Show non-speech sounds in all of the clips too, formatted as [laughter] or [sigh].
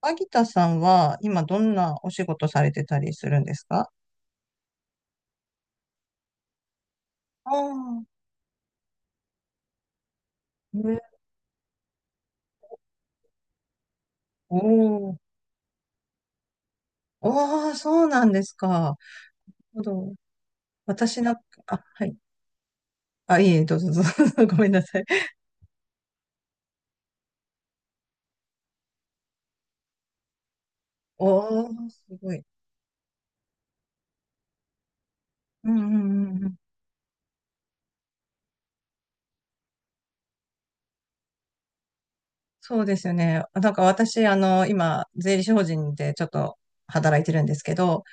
秋田さんは今どんなお仕事されてたりするんですか？ああー、ね。おー。おー、そうなんですか。なるほど。私なんか、あ、はい。あ、いえ、どうぞ、どうぞ。 [laughs] ごめんなさい。おー、すごい。うんうんうん。そうですよね。なんか私、今、税理士法人でちょっと働いてるんですけど、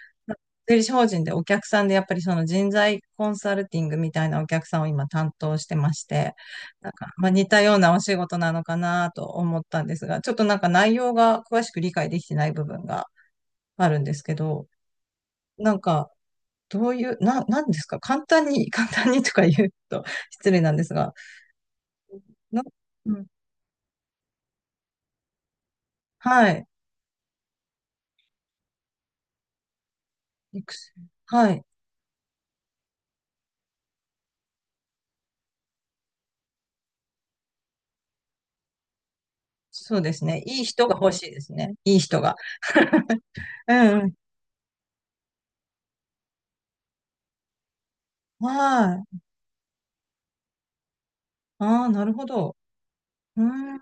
税理士法人でお客さんでやっぱりその人材コンサルティングみたいなお客さんを今担当してまして、なんか、まあ、似たようなお仕事なのかなと思ったんですが、ちょっとなんか内容が詳しく理解できてない部分があるんですけど、なんか、どういう、なんですか簡単に、[laughs] 簡単にとか言うと [laughs] 失礼なんですが、な、うん、はい。育成。はい。そうですね。いい人が欲しいですね。いい人が。うんうん。はい。ああ、なるほど。うーん。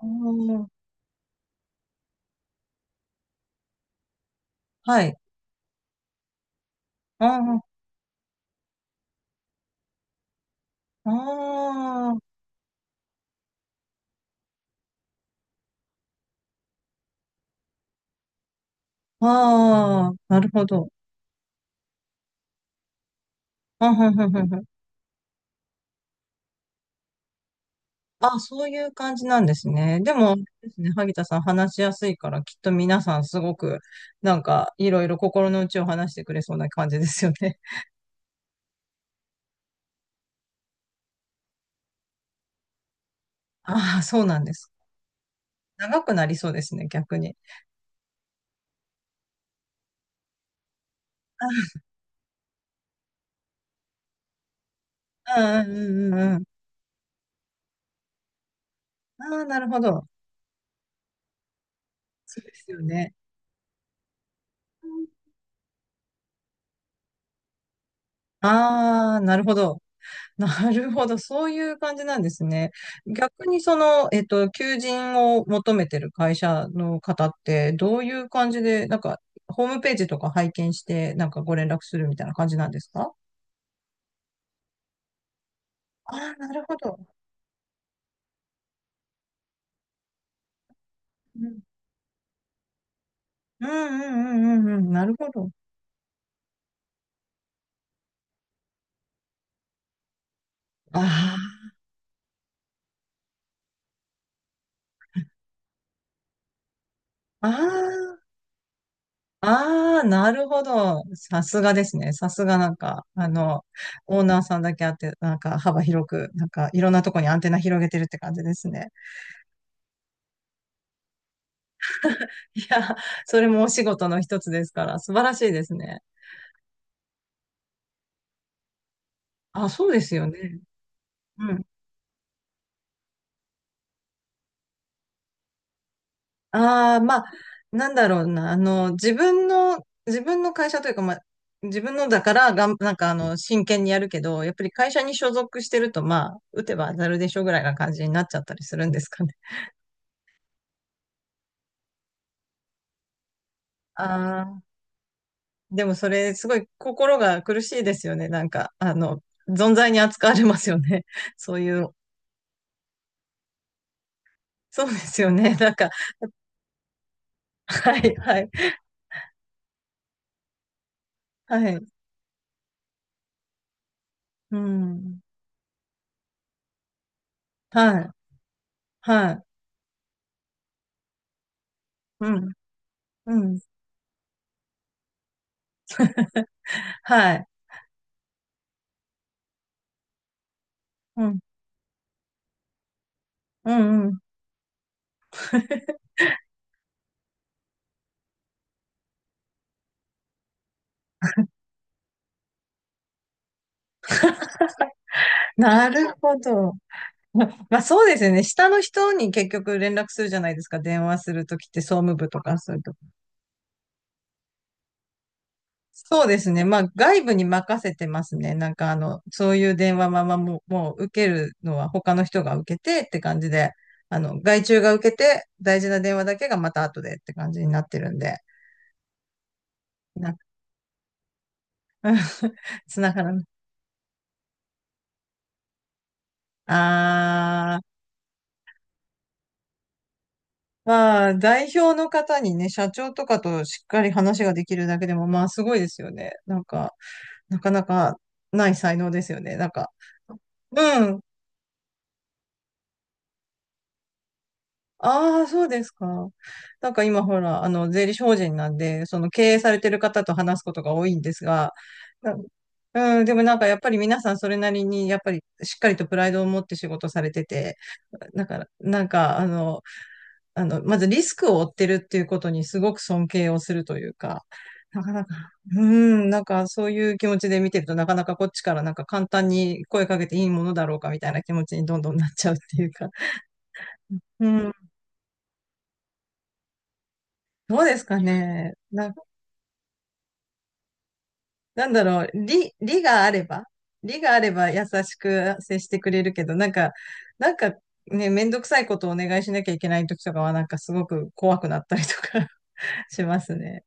ああ、はい。ああ、ああ、あー、なるほど。あ、ふんふんふんふん。あ、そういう感じなんですね。でも、ですね、萩田さん話しやすいから、きっと皆さんすごく、なんか、いろいろ心の内を話してくれそうな感じですよね。[laughs] ああ、そうなんです。長くなりそうですね、逆に。うんうんうんうんうん。ああ、なるほど。そうですよね。ああ、なるほど。[laughs] なるほど。そういう感じなんですね。逆にその、求人を求めてる会社の方って、どういう感じで、なんか、ホームページとか拝見して、なんかご連絡するみたいな感じなんですか？ああー、なるほど。うん、うんうんうんうんうん、なるほど。ああ、ああ、ああ、なるほど。さすがですね。さすがなんか、オーナーさんだけあって、なんか幅広く、なんかいろんなとこにアンテナ広げてるって感じですね。いや、それもお仕事の一つですから、素晴らしいですね。あ、そうですよね。うん。ああ、まあ、なんだろうな、自分の会社というか、まあ、自分のだからなんか真剣にやるけど、やっぱり会社に所属してると、まあ、打てば当たるでしょぐらいな感じになっちゃったりするんですかね。ああ、でもそれ、すごい心が苦しいですよね。なんか、存在に扱われますよね。そういう、そうですよね。なんか、はい、はい、はい。うん。はい、はい、うん、うん、はい、うん、うん、うん。[laughs] なるほど。[laughs] まあそうですよね。下の人に結局連絡するじゃないですか。電話するときって総務部とかそういうとこ。そうですね。まあ外部に任せてますね。なんかそういう電話ままもう受けるのは他の人が受けてって感じで、外注が受けて大事な電話だけがまた後でって感じになってるんで、なんか [laughs] つながらない。あー。まあ、代表の方にね、社長とかとしっかり話ができるだけでも、まあ、すごいですよね。なんか、なかなかない才能ですよね。なんか、うん。ああ、そうですか。なんか今ほら、税理士法人なんで、その経営されてる方と話すことが多いんですが、なうん、でもなんかやっぱり皆さんそれなりに、やっぱりしっかりとプライドを持って仕事されてて、だから、なんか、まずリスクを負ってるっていうことにすごく尊敬をするというか、なかなか、うーなんかそういう気持ちで見てると、なかなかこっちからなんか簡単に声かけていいものだろうかみたいな気持ちにどんどんなっちゃうっていうか、うん、どうですかね。なんだろう、理があれば、理があれば優しく接してくれるけど、なんか、なんかね、めんどくさいことをお願いしなきゃいけない時とかは、なんかすごく怖くなったりとか [laughs] しますね。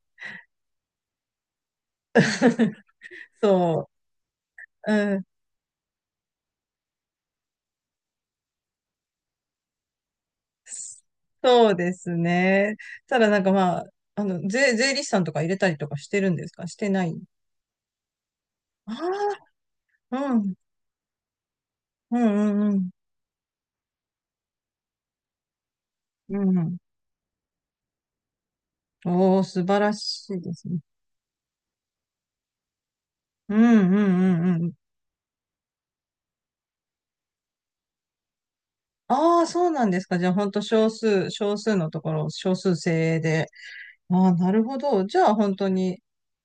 [laughs] そう。うん。 [laughs] そうですね。ただなんかまあ、税理士さんとか入れたりとかしてるんですかしてない。ああー、うん、うん、うん、うん。うん。おー、素晴らしいですね。うん、うん、うん、うん。ああ、そうなんですか。じゃあ本当少数、少数のところ、少数精鋭で。ああ、なるほど。じゃあ本当に、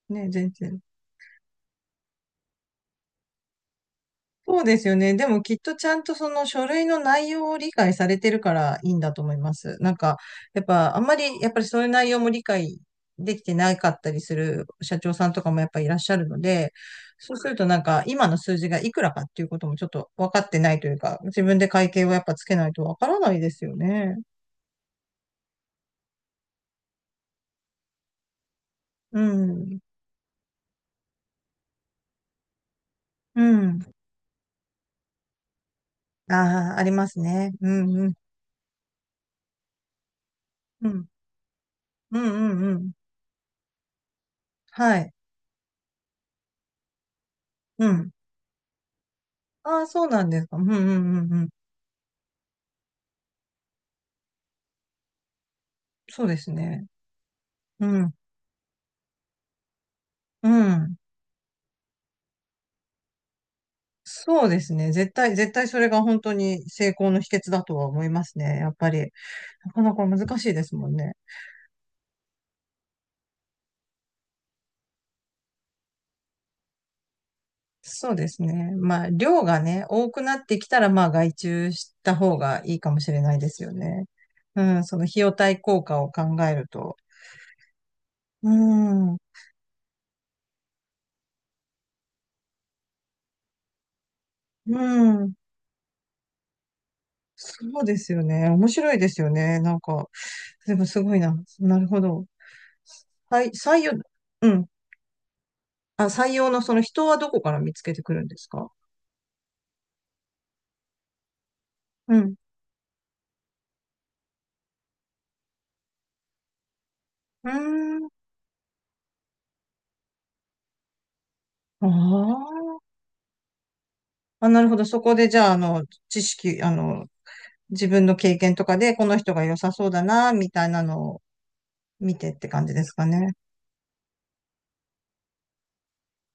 ね、全然。そうですよね。でもきっとちゃんとその書類の内容を理解されてるからいいんだと思います。なんか、やっぱあんまり、やっぱりそういう内容も理解できてなかったりする社長さんとかもやっぱいらっしゃるので、そうするとなんか今の数字がいくらかっていうこともちょっと分かってないというか、自分で会計をやっぱつけないと分からないですよね。うん。うん。ああ、ありますね。うんうん。うん。うんうんうん。はい。うん。ああ、そうなんですか。うんうんうんうん。そうですね。うん。うん。そうですね。絶対、絶対それが本当に成功の秘訣だとは思いますね。やっぱり、なかなか難しいですもんね。そうですね。まあ、量がね、多くなってきたら、まあ、外注した方がいいかもしれないですよね。うん、その費用対効果を考えると。うん、うん。そうですよね。面白いですよね。なんか、でもすごいな。なるほど。はい、採用、うん。あ、採用のその人はどこから見つけてくるんですか？うん。うーん。ああ、あ、なるほど。そこで、じゃあ、知識、自分の経験とかで、この人が良さそうだな、みたいなのを見てって感じですかね。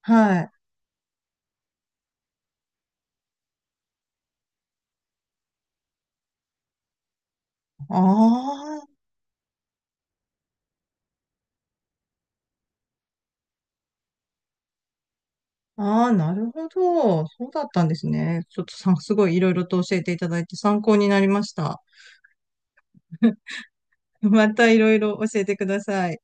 はい。ああ、ああ、なるほど。そうだったんですね。ちょっとさ、すごいいろいろと教えていただいて参考になりました。[laughs] またいろいろ教えてください。